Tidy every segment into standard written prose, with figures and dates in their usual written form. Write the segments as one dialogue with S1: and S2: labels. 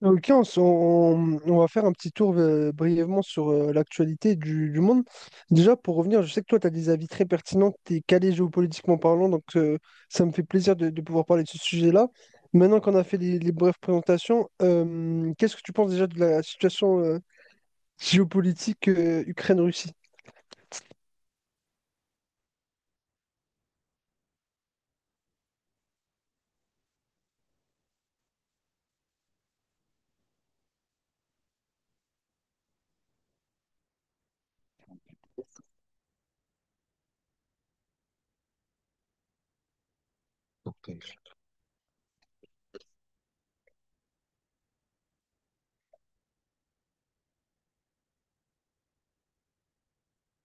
S1: Ok, on va faire un petit tour brièvement sur l'actualité du monde. Déjà, pour revenir, je sais que toi, tu as des avis très pertinents, tu es calé géopolitiquement parlant, donc ça me fait plaisir de pouvoir parler de ce sujet-là. Maintenant qu'on a fait les brèves présentations, qu'est-ce que tu penses déjà de la situation géopolitique Ukraine-Russie?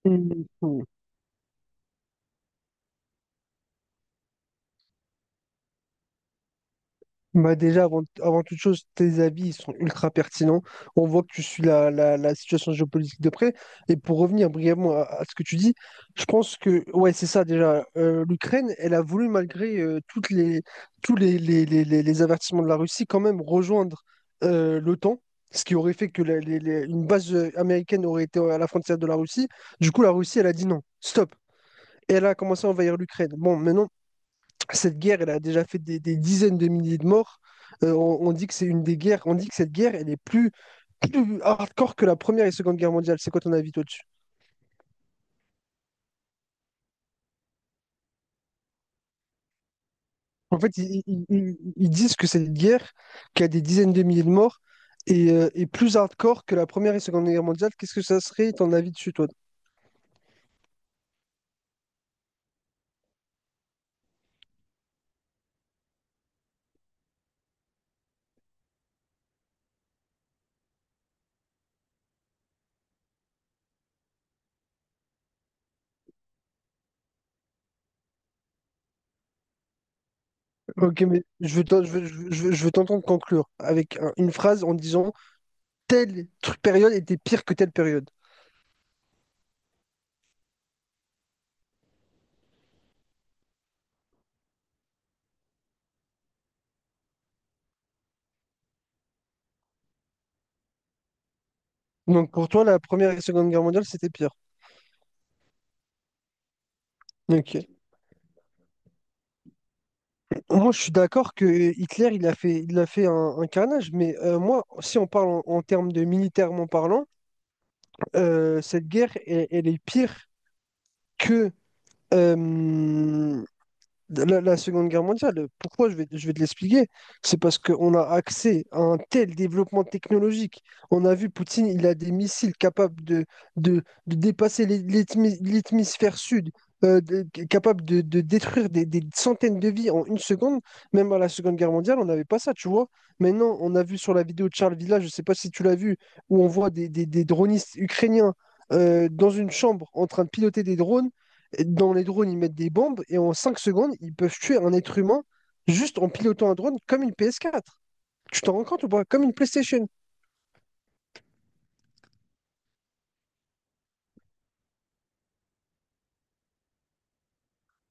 S1: Mhm. Bah déjà, avant toute chose, tes avis ils sont ultra pertinents. On voit que tu suis la situation géopolitique de près. Et pour revenir brièvement à ce que tu dis, je pense que, ouais, c'est ça déjà. L'Ukraine, elle a voulu, malgré tous les avertissements de la Russie, quand même rejoindre l'OTAN, ce qui aurait fait que une base américaine aurait été à la frontière de la Russie. Du coup, la Russie, elle a dit non, stop. Et elle a commencé à envahir l'Ukraine. Bon, maintenant cette guerre, elle a déjà fait des dizaines de milliers de morts. On dit que c'est une des guerres, on dit que cette guerre, elle est plus hardcore que la Première et Seconde Guerre mondiale. C'est quoi ton avis toi-dessus? En fait, ils disent que cette guerre, qui a des dizaines de milliers de morts, est plus hardcore que la Première et Seconde Guerre mondiale. Qu'est-ce que ça serait ton avis dessus, toi? Ok, mais je veux t'en- je veux- je veux- je veux- je veux t'entendre conclure avec une phrase en disant telle période était pire que telle période. Donc pour toi, la Première et Seconde Guerre mondiale, c'était pire. Ok. Moi, je suis d'accord que Hitler, il a fait un carnage, mais moi, si on parle en termes de militairement parlant, cette guerre, elle est pire que, euh, la Seconde Guerre mondiale, pourquoi je vais te l'expliquer? C'est parce qu'on a accès à un tel développement technologique. On a vu Poutine, il a des missiles capables de dépasser l'hémisphère sud, capables de détruire des centaines de vies en une seconde. Même à la Seconde Guerre mondiale, on n'avait pas ça, tu vois. Maintenant, on a vu sur la vidéo de Charles Villa, je ne sais pas si tu l'as vu, où on voit des dronistes ukrainiens dans une chambre en train de piloter des drones. Dans les drones, ils mettent des bombes et en 5 secondes, ils peuvent tuer un être humain juste en pilotant un drone comme une PS4. Tu t'en rends compte ou pas? Comme une PlayStation.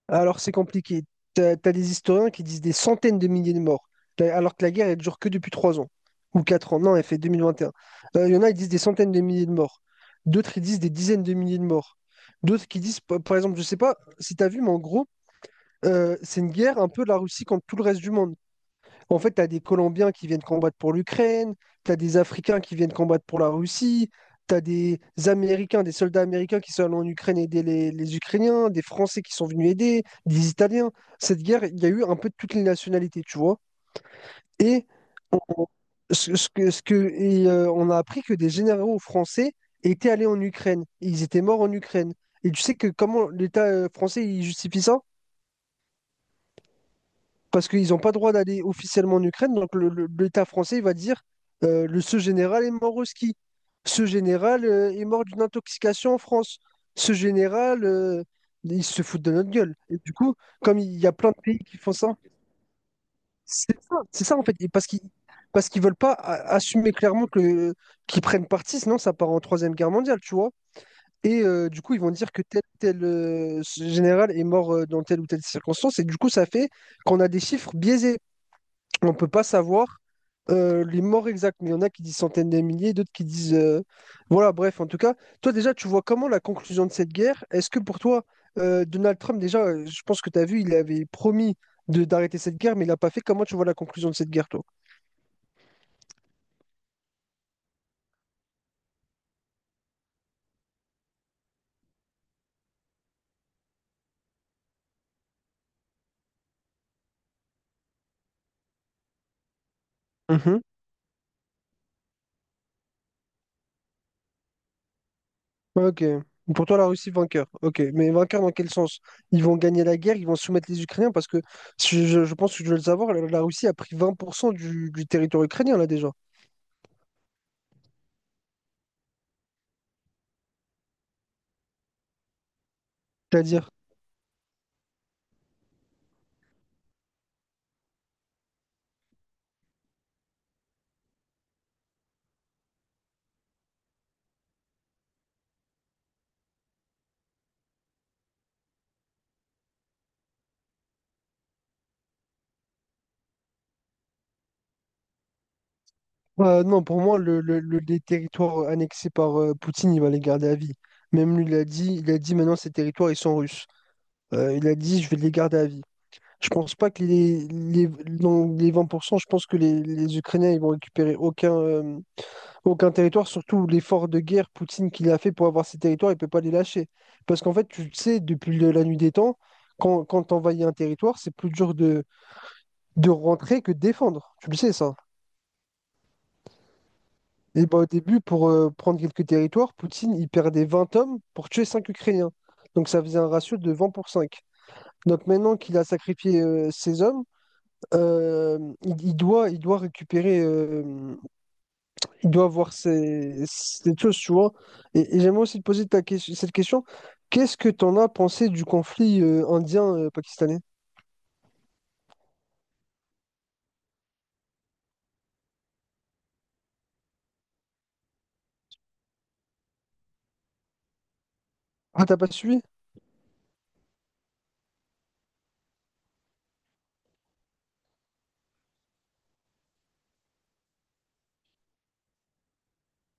S1: Alors c'est compliqué. T'as des historiens qui disent des centaines de milliers de morts. Alors que la guerre, elle dure que depuis 3 ans ou 4 ans. Non, elle fait 2021. Il y en a, ils disent des centaines de milliers de morts. D'autres, ils disent des dizaines de milliers de morts. D'autres qui disent, par exemple, je sais pas si t'as vu, mais en gros, c'est une guerre un peu de la Russie contre tout le reste du monde. En fait, tu as des Colombiens qui viennent combattre pour l'Ukraine, tu as des Africains qui viennent combattre pour la Russie, tu as des Américains, des soldats américains qui sont allés en Ukraine aider les Ukrainiens, des Français qui sont venus aider, des Italiens. Cette guerre, il y a eu un peu de toutes les nationalités, tu vois. Et on, ce, ce que, et, on a appris que des généraux français étaient allés en Ukraine. Et ils étaient morts en Ukraine. Et tu sais que comment l'État français il justifie ça? Parce qu'ils n'ont pas le droit d'aller officiellement en Ukraine. Donc l'État français il va dire le ce général est mort au ski. Ce général est mort d'une intoxication en France. Ce général, il se fout de notre gueule. Et du coup, comme il y a plein de pays qui font ça, c'est ça, c'est ça en fait. Et parce qu'ils veulent pas assumer clairement que qu'ils prennent parti, sinon ça part en Troisième Guerre mondiale, tu vois. Du coup, ils vont dire que tel tel ce général est mort dans telle ou telle circonstance. Et du coup, ça fait qu'on a des chiffres biaisés. On ne peut pas savoir les morts exacts, mais il y en a qui disent centaines de milliers, d'autres qui disent. Voilà, bref, en tout cas, toi déjà, tu vois comment la conclusion de cette guerre? Est-ce que pour toi, Donald Trump, déjà, je pense que tu as vu, il avait promis de d'arrêter cette guerre, mais il l'a pas fait. Comment tu vois la conclusion de cette guerre, toi? Mhm. Ok. Pour toi, la Russie vainqueur. Ok. Mais vainqueur dans quel sens? Ils vont gagner la guerre, ils vont soumettre les Ukrainiens parce que je pense que je veux le savoir, la Russie a pris 20% du territoire ukrainien là déjà. C'est-à-dire. Bah, non, pour moi, les territoires annexés par Poutine, il va les garder à vie. Même lui, il a dit maintenant ces territoires, ils sont russes. Il a dit, je vais les garder à vie. Je pense pas que dans les 20%, je pense que les Ukrainiens, ils vont récupérer aucun territoire, surtout l'effort de guerre Poutine qu'il a fait pour avoir ces territoires, il peut pas les lâcher. Parce qu'en fait, tu le sais, depuis la nuit des temps, quand t'envahis un territoire, c'est plus dur de rentrer que de défendre. Tu le sais, ça. Et bah, au début, pour prendre quelques territoires, Poutine, il perdait 20 hommes pour tuer 5 Ukrainiens. Donc ça faisait un ratio de 20 pour 5. Donc maintenant qu'il a sacrifié ses hommes, euh, il doit récupérer, il doit avoir ces choses, tu vois. Et j'aimerais aussi te poser cette question. Qu'est-ce que t'en as pensé du conflit indien-pakistanais? Ah, t'as pas suivi?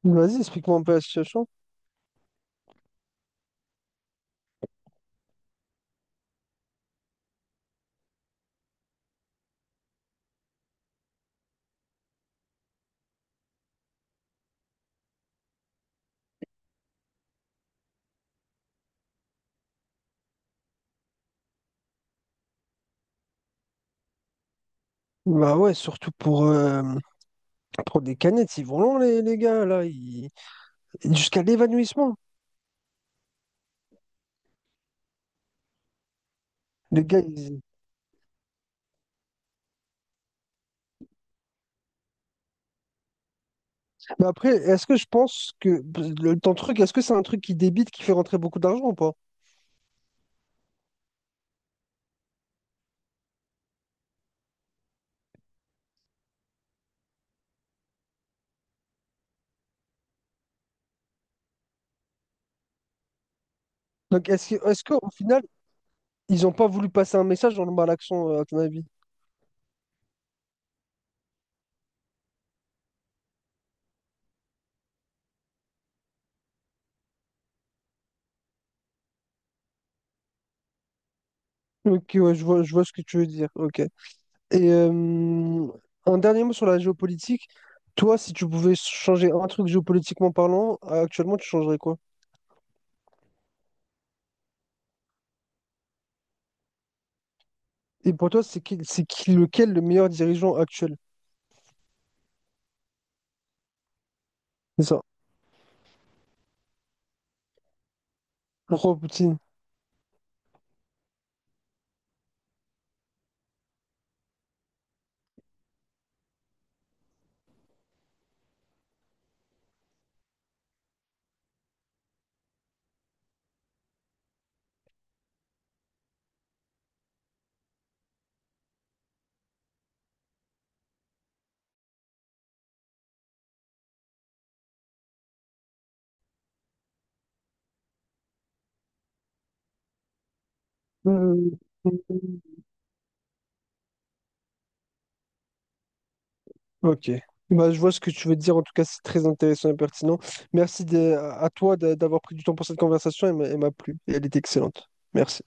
S1: Vas-y, explique-moi un peu la situation. Bah ouais, surtout pour des canettes, ils vont long les gars, là, jusqu'à l'évanouissement. Les gars, ils- Mais après, est-ce que je pense que ton truc, est-ce que c'est un truc qui débite, qui fait rentrer beaucoup d'argent ou pas? Donc est-ce qu'au final, ils n'ont pas voulu passer un message dans le malaxon, à ton avis? Ok, ouais, je vois ce que tu veux dire. Ok. Et euh, un dernier mot sur la géopolitique. Toi, si tu pouvais changer un truc géopolitiquement parlant, actuellement, tu changerais quoi? Et pour toi, lequel le meilleur dirigeant actuel? C'est ça. Pourquoi Poutine? Mm. Ok. Bah, je vois ce que tu veux dire. En tout cas, c'est très intéressant et pertinent. À toi d'avoir pris du temps pour cette conversation. Elle m'a plu et elle est excellente. Merci.